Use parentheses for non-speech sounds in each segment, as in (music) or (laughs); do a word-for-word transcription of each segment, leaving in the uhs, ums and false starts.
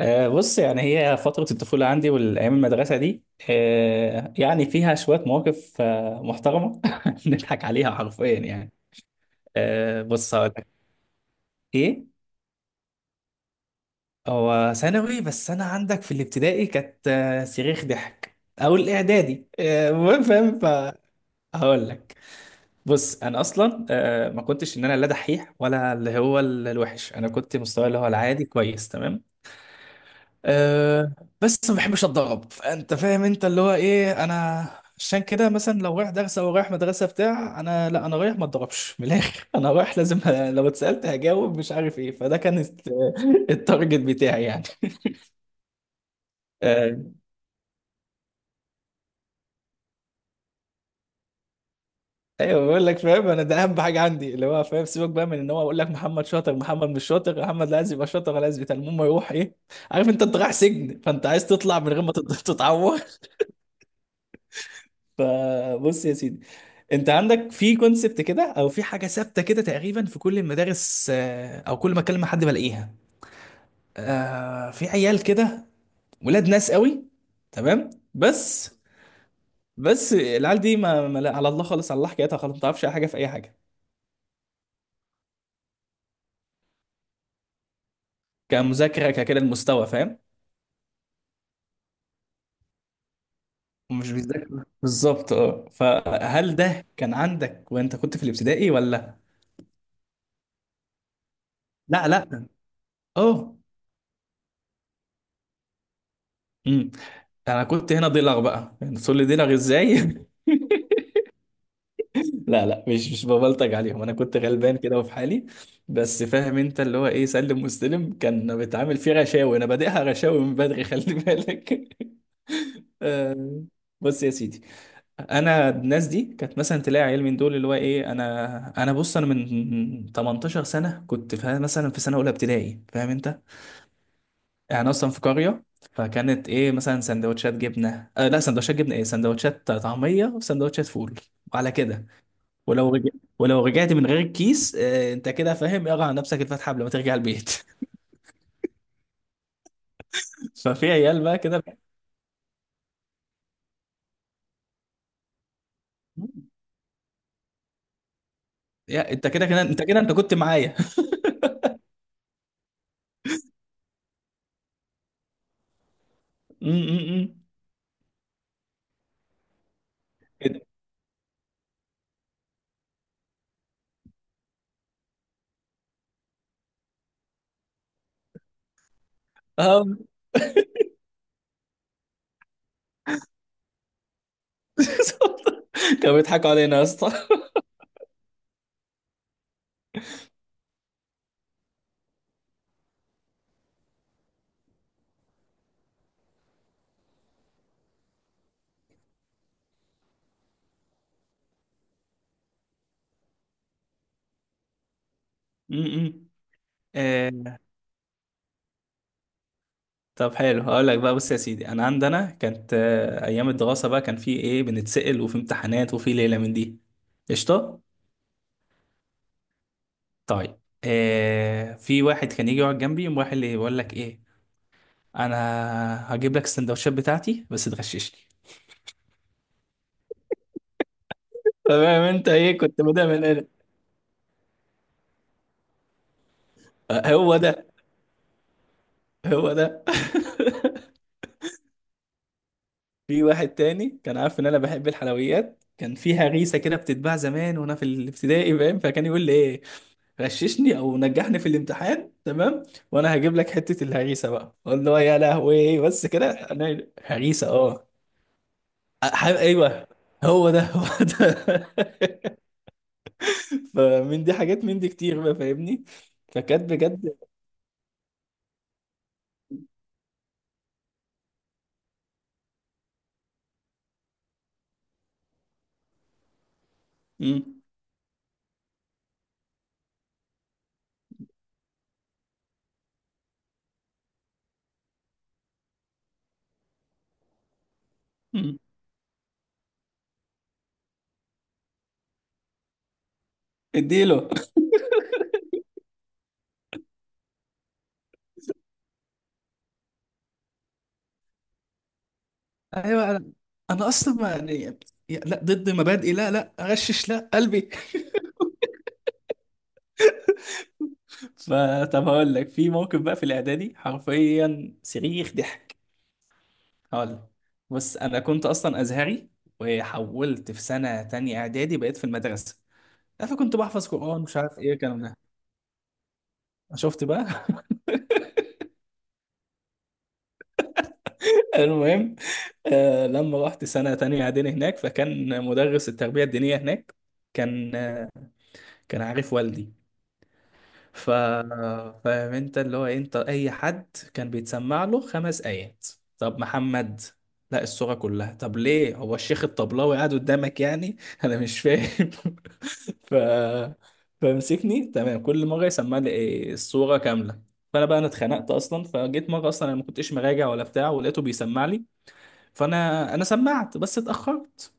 آه، بص يعني هي فترة الطفولة عندي والأيام المدرسة دي. آه، يعني فيها شوية مواقف آه، محترمة، (laughs) نضحك عليها حرفيا يعني. آه، بص هقول لك. إيه. هو ثانوي بس، أنا عندك في الابتدائي كانت آه، صريخ ضحك، أو الإعدادي. آه، المهم فاهم. فهقول لك. بص، أنا أصلا آه، ما كنتش إن أنا لا دحيح ولا اللي هو الوحش، أنا كنت مستواي اللي هو العادي، كويس تمام. أه. بس ما بحبش اتضرب، فانت فاهم انت اللي هو ايه انا. عشان كده مثلا، لو رايح درس او رايح مدرسه بتاع، انا لا، انا رايح ما اتضربش من الاخر. (laughs) انا رايح لازم (laughs) ه- لو اتسالت هجاوب، مش عارف ايه، فده كان الت- (laughs) التارجت بتاعي يعني. أه، ايوه بقول لك، فاهم، انا ده اهم حاجه عندي، اللي هو فاهم. سيبك بقى من ان هو اقول لك محمد شاطر، محمد مش شاطر، محمد لا عايز يبقى شاطر ولا عايز بتاع، المهم يروح ايه. عارف انت انت رايح سجن، فانت عايز تطلع من غير ما تت- (laughs) تتعور. فبص يا سيدي، انت عندك في كونسبت كده، او في حاجه ثابته كده تقريبا في كل المدارس، آه، او كل ما اكلم مع حد بلاقيها. آه، في عيال كده، ولاد ناس قوي، تمام بس. بس العيال دي ما, ما، لا على الله خالص، على الله حكايتها خالص، ما تعرفش اي حاجه في اي حاجه. كمذاكره، ككده المستوى، فاهم. ومش بيذاكر بالظبط، اه. فهل ده كان عندك وانت كنت في الابتدائي ولا؟ لا، لا. اه. امم. انا كنت هنا ضلع بقى، يعني تقول لي ضلع ازاي؟ (laughs) لا، لا، مش مش ببلطج عليهم، انا كنت غلبان كده وفي حالي. بس فاهم انت اللي هو ايه، سلم واستلم، كان بيتعامل فيه غشاوي، انا بادئها غشاوي من بدري، خلي بالك. (laughs) آه، بص يا سيدي، انا الناس دي كانت مثلا تلاقي عيال من دول اللي هو ايه، انا انا بص، انا من تمنتاشر سنه كنت فا- مثلا في سنه اولى ابتدائي، فاهم انت. يعني اصلا في قريه. فكانت ايه مثلا سندوتشات جبنه، آه لا، سندوتشات جبنه ايه، سندوتشات طعميه وسندوتشات فول، وعلى كده. ولو رجع... ولو رجعت من غير الكيس، آه، انت كده فاهم، اقرا على نفسك الفاتحه قبل ما ترجع البيت. (laughs) ففي عيال بقى كده. يا انت كده كده، انت كده انت كنت معايا. (laughs) م- م- م. كده. اه. (laughs) كانوا بيضحكوا علينا يا اسطى. (laughs) م- م. آه، طب حلو، هقول لك بقى. بص يا سيدي، انا عندنا كانت آه، ايام الدراسه بقى، كان في ايه، بنتسأل وفي امتحانات وفي ليله من دي. قشطه. طيب. آه، في واحد كان يجي يقعد جنبي، يقوم رايح اللي يقول لك ايه: انا هجيب لك السندوتشات بتاعتي بس تغششني. تمام، انت ايه كنت بدأ من هنا. آه، هو ده، هو ده. (laughs) في واحد تاني كان عارف ان انا بحب الحلويات، كان فيها غيسه كده بتتباع زمان وانا في الابتدائي، فاهم، فكان يقول لي ايه: غششني او نجحني في الامتحان، تمام، وانا هجيب لك حته الهريسه. بقى اقول له يا لهوي، بس كده؟ انا هريسه؟ اه. ح- ايوه. هو ده، هو ده. (laughs) فمن دي حاجات، من دي كتير بقى، فاهمني. فكانت بجد. مم. مم. اديله. ايوه. انا انا اصلا، ما يعني، يا- لا، ضد مبادئي، لا، لا اغشش، لا، قلبي. فطب هقول لك، في موقف بقى في الاعدادي حرفيا صريخ ضحك. هقول لك. بص، انا كنت اصلا ازهري، وحولت في سنه تانية اعدادي، بقيت في المدرسه. فكنت بحفظ قران، مش عارف ايه الكلام ده. شفت بقى؟ (laughs) المهم. آه لما رحت سنه تانية اعدادي هناك، فكان مدرس التربيه الدينيه هناك، كان كان عارف والدي. ف فاهم انت اللي هو إيه، انت اي حد كان بيتسمع له خمس ايات. طب محمد لا، الصورة كلها. طب ليه، هو الشيخ الطبلاوي قاعد قدامك يعني؟ (laughs) انا مش فاهم. (laughs) ف فمسكني، تمام، كل مرة يسمع لي إيه، الصورة كاملة. فانا بقى انا اتخنقت اصلا، فجيت مره اصلا انا ما كنتش مراجع ولا بتاع، ولقيته بيسمع لي. فانا انا سمعت بس اتاخرت.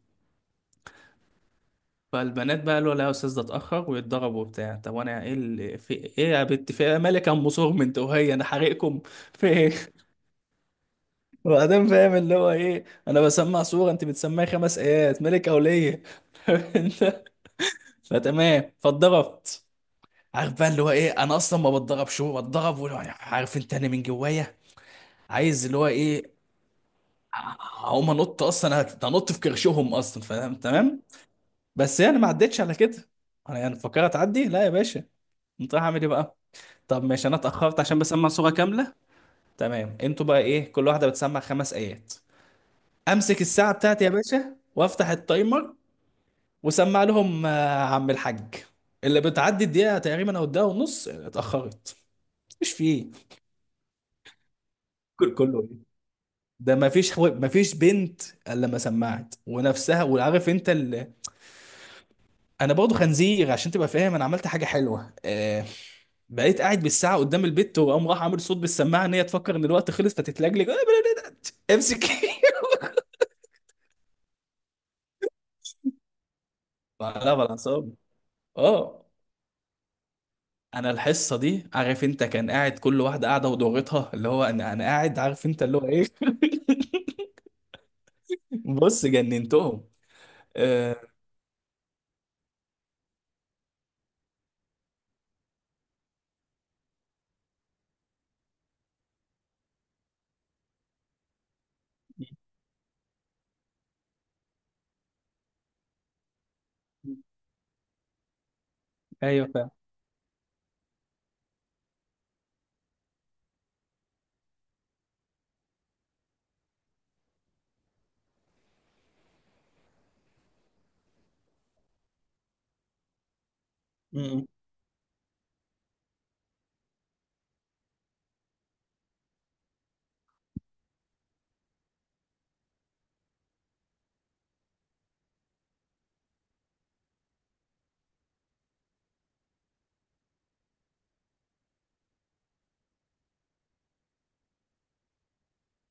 فالبنات بقى قالوا لا يا استاذ، ده اتاخر ويتضرب وبتاع. طب وانا ايه اللي في ايه يا بنت، في إيه؟ مالك يا ام صورم، انت وهي انا حارقكم. في ايه؟ (laughs) وبعدين فاهم اللي هو ايه، انا بسمع صوره، انت بتسمعي خمس ايات، مالك يا وليه؟ (laughs) انت. فتمام، فاتضربت. عارف بقى اللي هو ايه، انا اصلا ما بتضربش، هو بتضرب، ولو- عارف انت، انا من جوايا عايز اللي هو ايه. هقوم انط اصلا، انط في كرشهم اصلا، فاهم تمام. بس يعني ما عدتش على كده. انا يعني فكرت اعدي، لا يا باشا، انت رايح اعمل ايه بقى. طب ماشي، انا اتاخرت عشان بسمع صوره كامله، تمام. انتوا بقى ايه، كل واحده بتسمع خمس ايات. امسك الساعه بتاعتي يا باشا وافتح التايمر، وسمع لهم آه، عم الحاج. اللي بتعدي الدقيقه تقريبا، او الدقيقه ونص، اتاخرت، مش فيه. كل- كله ايه، ده ما فيش، ما فيش بنت. الا لما سمعت ونفسها، وعارف انت ال... انا برضه خنزير، عشان تبقى فاهم انا عملت حاجه حلوه. آه... بقيت قاعد بالساعه قدام البت، وقام راح عامل صوت بالسماعه ان هي تفكر ان الوقت خلص فتتلجلج. آه، امسك. (laughs) لا بالعصاب. اه. انا الحصه دي عارف انت، كان قاعد كل واحده قاعده ودورتها، اللي هو انا انا قاعد، عارف انت اللي هو ايه. (laughs) بص، جننتهم. آه. ايوه فاهم. م-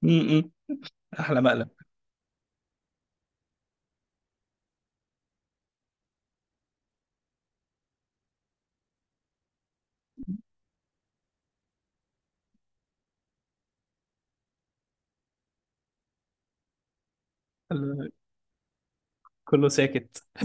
م- م. احلى مقلب. ال- كله ساكت. (laughs)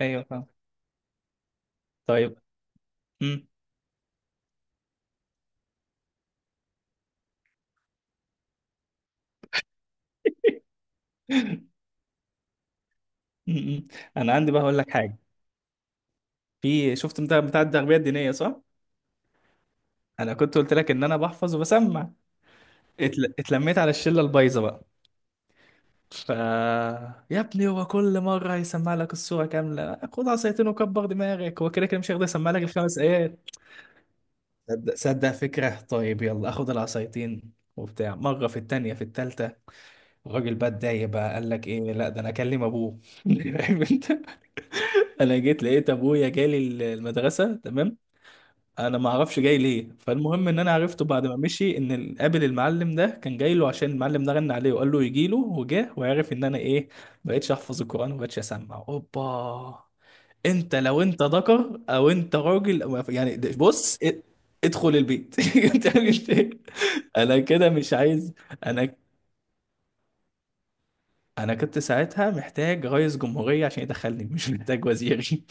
ايوه فاهم، طيب. م- م- م. انا عندي بقى هقول لك حاجه. في، شفت انت بتاع التربيه الدينيه، صح؟ انا كنت قلت لك ان انا بحفظ وبسمع. اتل... اتلميت على الشله البايظه بقى. ف يا ابني، هو كل مرة هيسمع لك الصورة كاملة، خد عصايتين وكبر دماغك، هو كده كده مش هيقدر يسمع لك الخمس آيات. صدق صدق فكرة، طيب يلا، اخد العصايتين وبتاع مرة، في التانية، في التالتة. الراجل بقى اتضايق بقى، قال لك ايه، لا ده انا اكلم ابوه. (laughs) فاهم انت. انا جيت لقيت ابويا جالي المدرسة، تمام. انا ما اعرفش جاي ليه، فالمهم ان انا عرفته بعد ما مشي ان ال- قابل المعلم ده، كان جاي له عشان المعلم ده غنى عليه وقال له يجي له، وجاه، وعرف ان انا ايه. بقيتش احفظ القران وبقيتش اسمع، اوبا. انت لو انت ذكر او انت راجل، أو يعني ده- بص اد- ادخل البيت. (laughs) انت مش انا كده، مش عايز انا انا كنت ساعتها محتاج رئيس جمهورية عشان يدخلني، مش محتاج وزير.